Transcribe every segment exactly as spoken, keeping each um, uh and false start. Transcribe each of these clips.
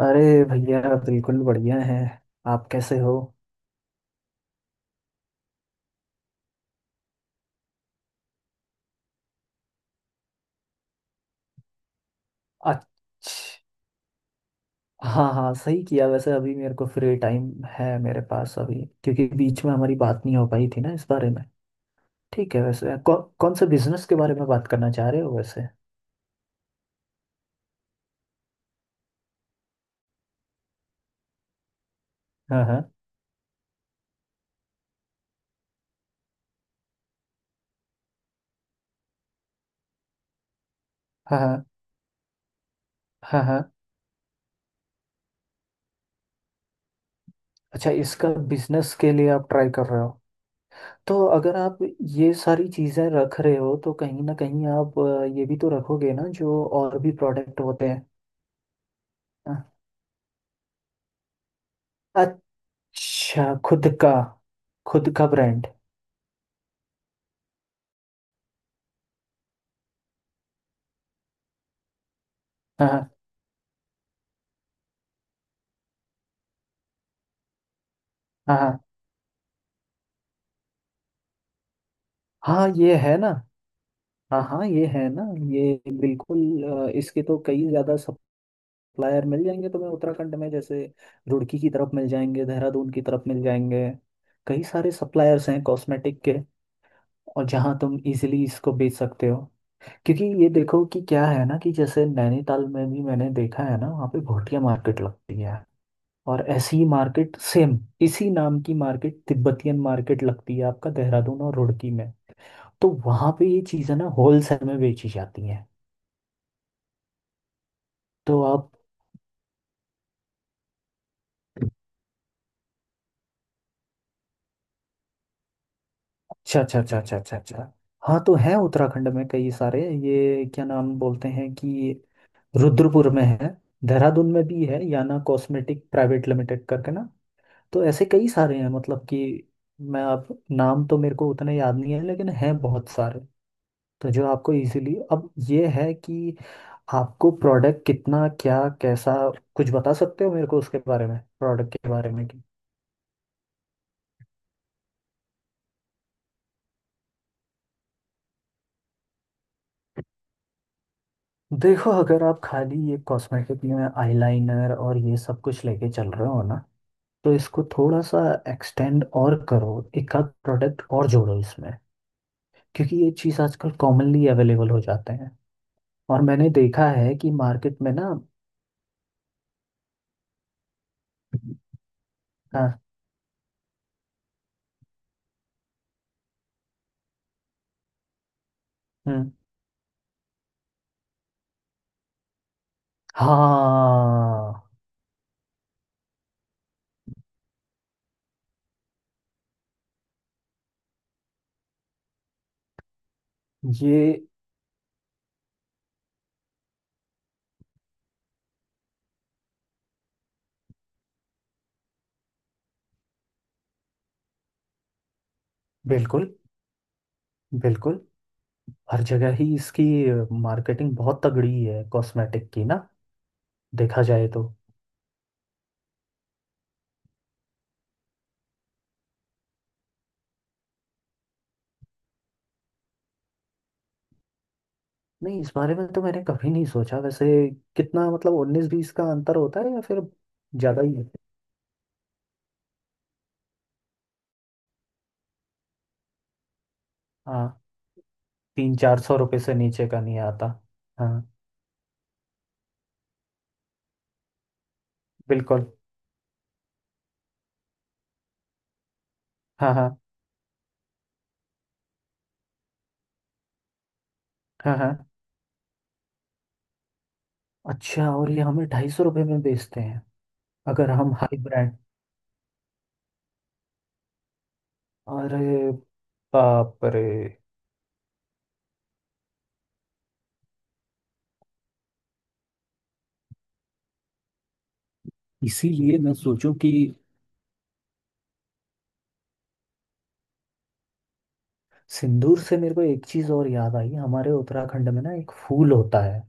अरे भैया, बिल्कुल बढ़िया है। आप कैसे हो? अच्छा। हाँ हाँ, सही किया वैसे। अभी मेरे को फ्री टाइम है मेरे पास अभी, क्योंकि बीच में हमारी बात नहीं हो पाई थी ना इस बारे में। ठीक है। वैसे कौ, कौन से बिजनेस के बारे में बात करना चाह रहे हो वैसे? हाँ हाँ। हाँ हाँ। हाँ हाँ। अच्छा, इसका बिजनेस के लिए आप ट्राई कर रहे हो? तो अगर आप ये सारी चीज़ें रख रहे हो तो कहीं ना कहीं आप अ, ये भी तो रखोगे ना, जो और भी प्रोडक्ट होते हैं। हाँ। अच्छा, खुद का। खुद का ब्रांड। हाँ हाँ। हाँ हाँ हाँ, ये है ना। हाँ हाँ, ये है ना। ये बिल्कुल अ, इसके तो कई ज़्यादा सप्लायर मिल जाएंगे तुम्हें उत्तराखंड में। जैसे रुड़की की तरफ मिल जाएंगे, देहरादून की तरफ मिल जाएंगे। कई सारे सप्लायर्स हैं कॉस्मेटिक के। और जहाँ तुम इजीली इसको बेच सकते हो। क्योंकि ये देखो कि क्या है ना, कि जैसे नैनीताल में भी मैंने देखा है ना, वहाँ पे भोटिया मार्केट लगती है। और ऐसी ही मार्केट, सेम इसी नाम की मार्केट, तिब्बतियन मार्केट लगती है आपका देहरादून और रुड़की में। तो वहां पे ये चीजें ना होलसेल में बेची जाती हैं। तो आप, अच्छा अच्छा अच्छा, अच्छा अच्छा अच्छा। हाँ, तो है उत्तराखंड में कई सारे, ये क्या नाम बोलते हैं कि रुद्रपुर में है, देहरादून में भी है, याना कॉस्मेटिक प्राइवेट लिमिटेड करके ना। तो ऐसे कई सारे हैं, मतलब कि मैं, आप नाम तो मेरे को उतने याद नहीं है, लेकिन हैं बहुत सारे। तो जो आपको इजीली, अब ये है कि आपको प्रोडक्ट कितना क्या कैसा, कुछ बता सकते हो मेरे को उसके बारे में, प्रोडक्ट के बारे में कि, देखो, अगर आप खाली ये कॉस्मेटिक में आईलाइनर और ये सब कुछ लेके चल रहे हो ना, तो इसको थोड़ा सा एक्सटेंड और करो, एक आध प्रोडक्ट और जोड़ो इसमें। क्योंकि ये चीज़ आजकल कॉमनली अवेलेबल हो जाते हैं। और मैंने देखा है कि मार्केट में ना, हाँ। हम्म। हाँ, ये बिल्कुल, बिल्कुल हर जगह ही इसकी मार्केटिंग बहुत तगड़ी है कॉस्मेटिक की ना। देखा जाए तो, नहीं, इस बारे में तो मैंने कभी नहीं सोचा वैसे। कितना मतलब उन्नीस बीस का अंतर होता है, या फिर ज़्यादा ही है? हाँ। तीन चार सौ रुपये से नीचे का नहीं आता। हाँ। बिल्कुल। हाँ हाँ। हाँ हाँ। अच्छा, और ये हमें ढाई सौ रुपये में बेचते हैं? अगर हम हाई ब्रांड, अरे बाप रे! इसीलिए मैं सोचूं कि, सिंदूर से मेरे को एक चीज़ और याद आई। हमारे उत्तराखंड में ना एक फूल होता है।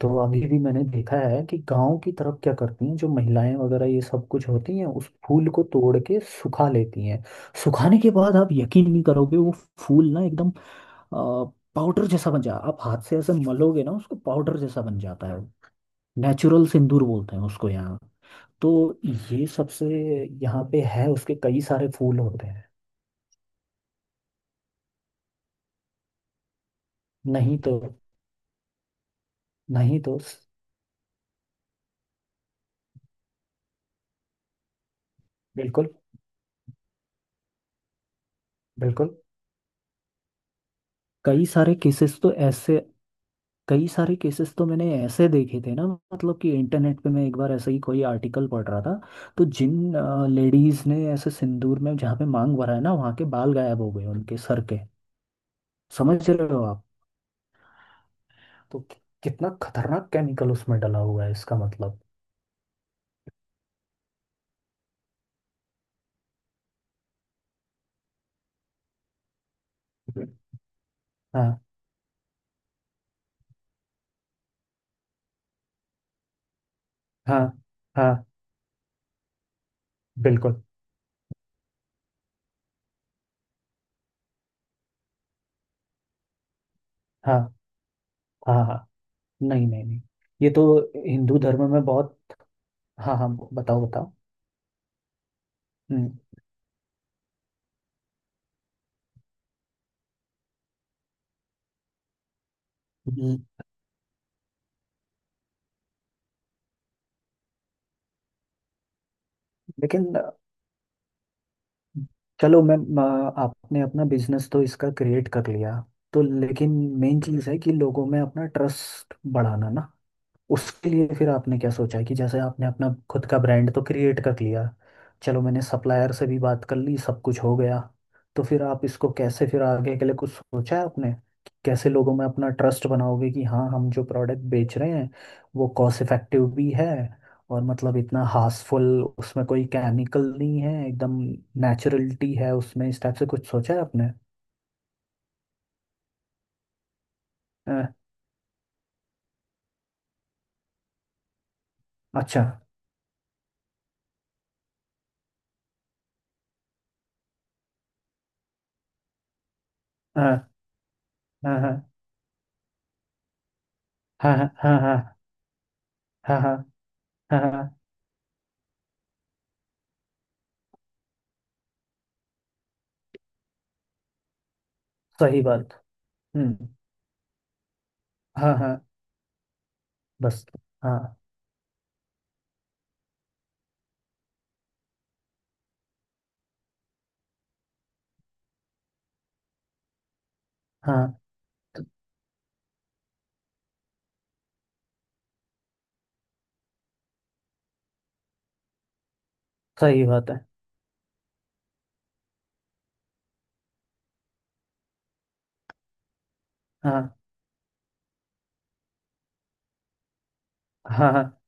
तो अभी भी मैंने देखा है कि गांव की तरफ क्या करती हैं जो महिलाएं वगैरह ये सब कुछ होती हैं, उस फूल को तोड़ के सुखा लेती हैं। सुखाने के बाद आप यकीन नहीं करोगे, वो फूल ना एकदम पाउडर जैसा बन जा, आप हाथ से ऐसे मलोगे ना उसको, पाउडर जैसा बन जाता है। नेचुरल सिंदूर बोलते हैं उसको यहाँ। तो ये सबसे, यहाँ पे है, उसके कई सारे फूल होते हैं। नहीं तो। नहीं तो। बिल्कुल। बिल्कुल। कई सारे केसेस तो ऐसे, कई सारे केसेस तो मैंने ऐसे देखे थे ना, मतलब कि इंटरनेट पे मैं एक बार ऐसे ही कोई आर्टिकल पढ़ रहा था। तो जिन लेडीज ने ऐसे सिंदूर में जहाँ पे मांग भरा है ना, वहाँ के बाल गायब हो गए उनके सर के। समझ रहे हो आप? तो कि- कितना खतरनाक केमिकल उसमें डला हुआ है इसका मतलब। हाँ हाँ हाँ। बिल्कुल। हाँ हाँ हाँ। नहीं नहीं नहीं। ये तो हिंदू धर्म में बहुत, हाँ हाँ, बताओ बताओ। हम्म, लेकिन चलो मैम आ, आपने अपना बिजनेस तो इसका क्रिएट कर लिया, तो लेकिन मेन चीज़ है कि लोगों में अपना ट्रस्ट बढ़ाना ना। उसके लिए फिर आपने क्या सोचा है, कि जैसे आपने अपना खुद का ब्रांड तो क्रिएट कर लिया, चलो मैंने सप्लायर से भी बात कर ली, सब कुछ हो गया, तो फिर आप इसको कैसे फिर आगे के लिए कुछ सोचा है आपने कि कैसे लोगों में अपना ट्रस्ट बनाओगे, कि हाँ हम जो प्रोडक्ट बेच रहे हैं वो कॉस्ट इफेक्टिव भी है, और मतलब इतना हार्सफुल उसमें कोई केमिकल नहीं है एकदम, नेचुरलिटी है उसमें। इस टाइप से कुछ सोचा है आपने? हाँ। अच्छा। हाँ हाँ हाँ हाँ। हाँ हाँ हाँ हाँ हाँ हाँ, सही बात। हम्म। हाँ हाँ। बस। हाँ हाँ, सही बात है। हाँ हाँ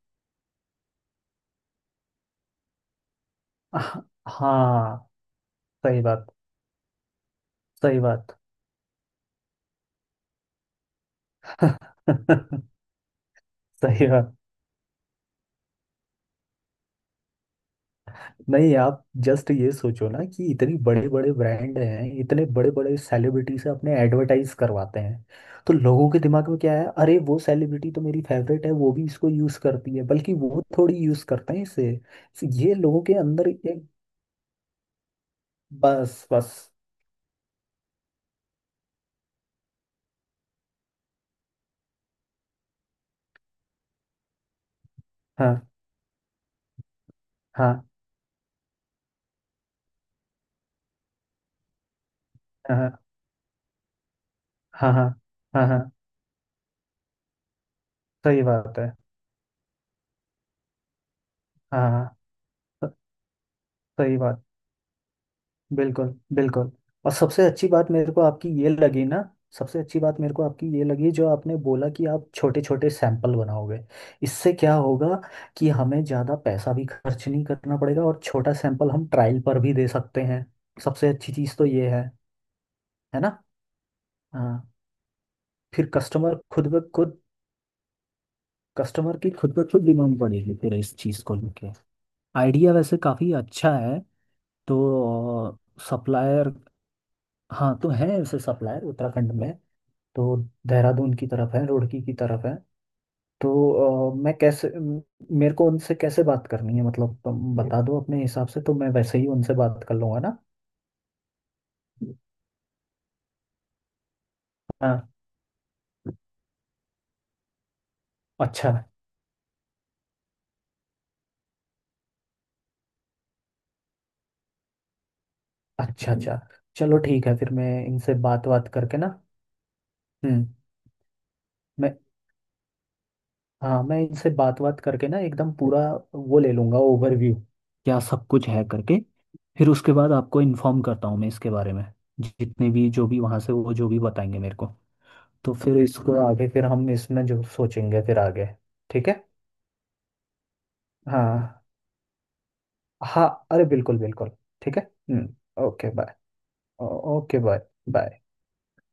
हाँ हाँ। सही बात। सही बात। सही बात। नहीं, आप जस्ट ये सोचो ना कि इतनी बड़े बड़े ब्रांड हैं, इतने बड़े बड़े सेलिब्रिटी से अपने एडवर्टाइज करवाते हैं। तो लोगों के दिमाग में क्या है, अरे वो सेलिब्रिटी तो मेरी फेवरेट है, वो भी इसको यूज करती है, बल्कि वो थोड़ी यूज करते हैं इसे। तो ये लोगों के अंदर एक, बस बस। हाँ हाँ हाँ हाँ हाँ हाँ हाँ हाँ। सही बात है। हाँ हाँ। स- सही बात। बिल्कुल। बिल्कुल। और सबसे अच्छी बात मेरे को आपकी ये लगी ना, सबसे अच्छी बात मेरे को आपकी ये लगी जो आपने बोला कि आप छोटे छोटे सैंपल बनाओगे। इससे क्या होगा कि हमें ज़्यादा पैसा भी खर्च नहीं करना पड़ेगा, और छोटा सैंपल हम ट्रायल पर भी दे सकते हैं। सबसे अच्छी चीज़ तो ये है। है ना। हाँ। फिर कस्टमर खुद ब खुद, कस्टमर की खुद ब खुद डिमांड बढ़ेगी फिर इस चीज़ को लेके। आइडिया वैसे काफ़ी अच्छा है। तो सप्लायर, हाँ तो है ऐसे सप्लायर उत्तराखंड में। तो देहरादून की तरफ है, रुड़की की तरफ है। तो अ, मैं कैसे म- मेरे को उनसे कैसे बात करनी है, मतलब तुम बता दो अपने हिसाब से तो मैं वैसे ही उनसे बात कर लूंगा ना। हाँ। अच्छा अच्छा अच्छा। चलो ठीक है, फिर मैं इनसे बात बात करके ना, हम्म मैं, हाँ मैं इनसे बात बात करके ना एकदम पूरा, वो ले लूंगा ओवरव्यू, क्या सब कुछ है करके, फिर उसके बाद आपको इन्फॉर्म करता हूँ मैं इसके बारे में। जितने भी जो भी वहाँ से वो जो भी बताएंगे मेरे को, तो फिर इसको आगे फिर हम इसमें जो सोचेंगे फिर आगे। ठीक है। हाँ। हाँ, अरे बिल्कुल बिल्कुल। ठीक है। हम्म okay bye. Okay bye. Bye.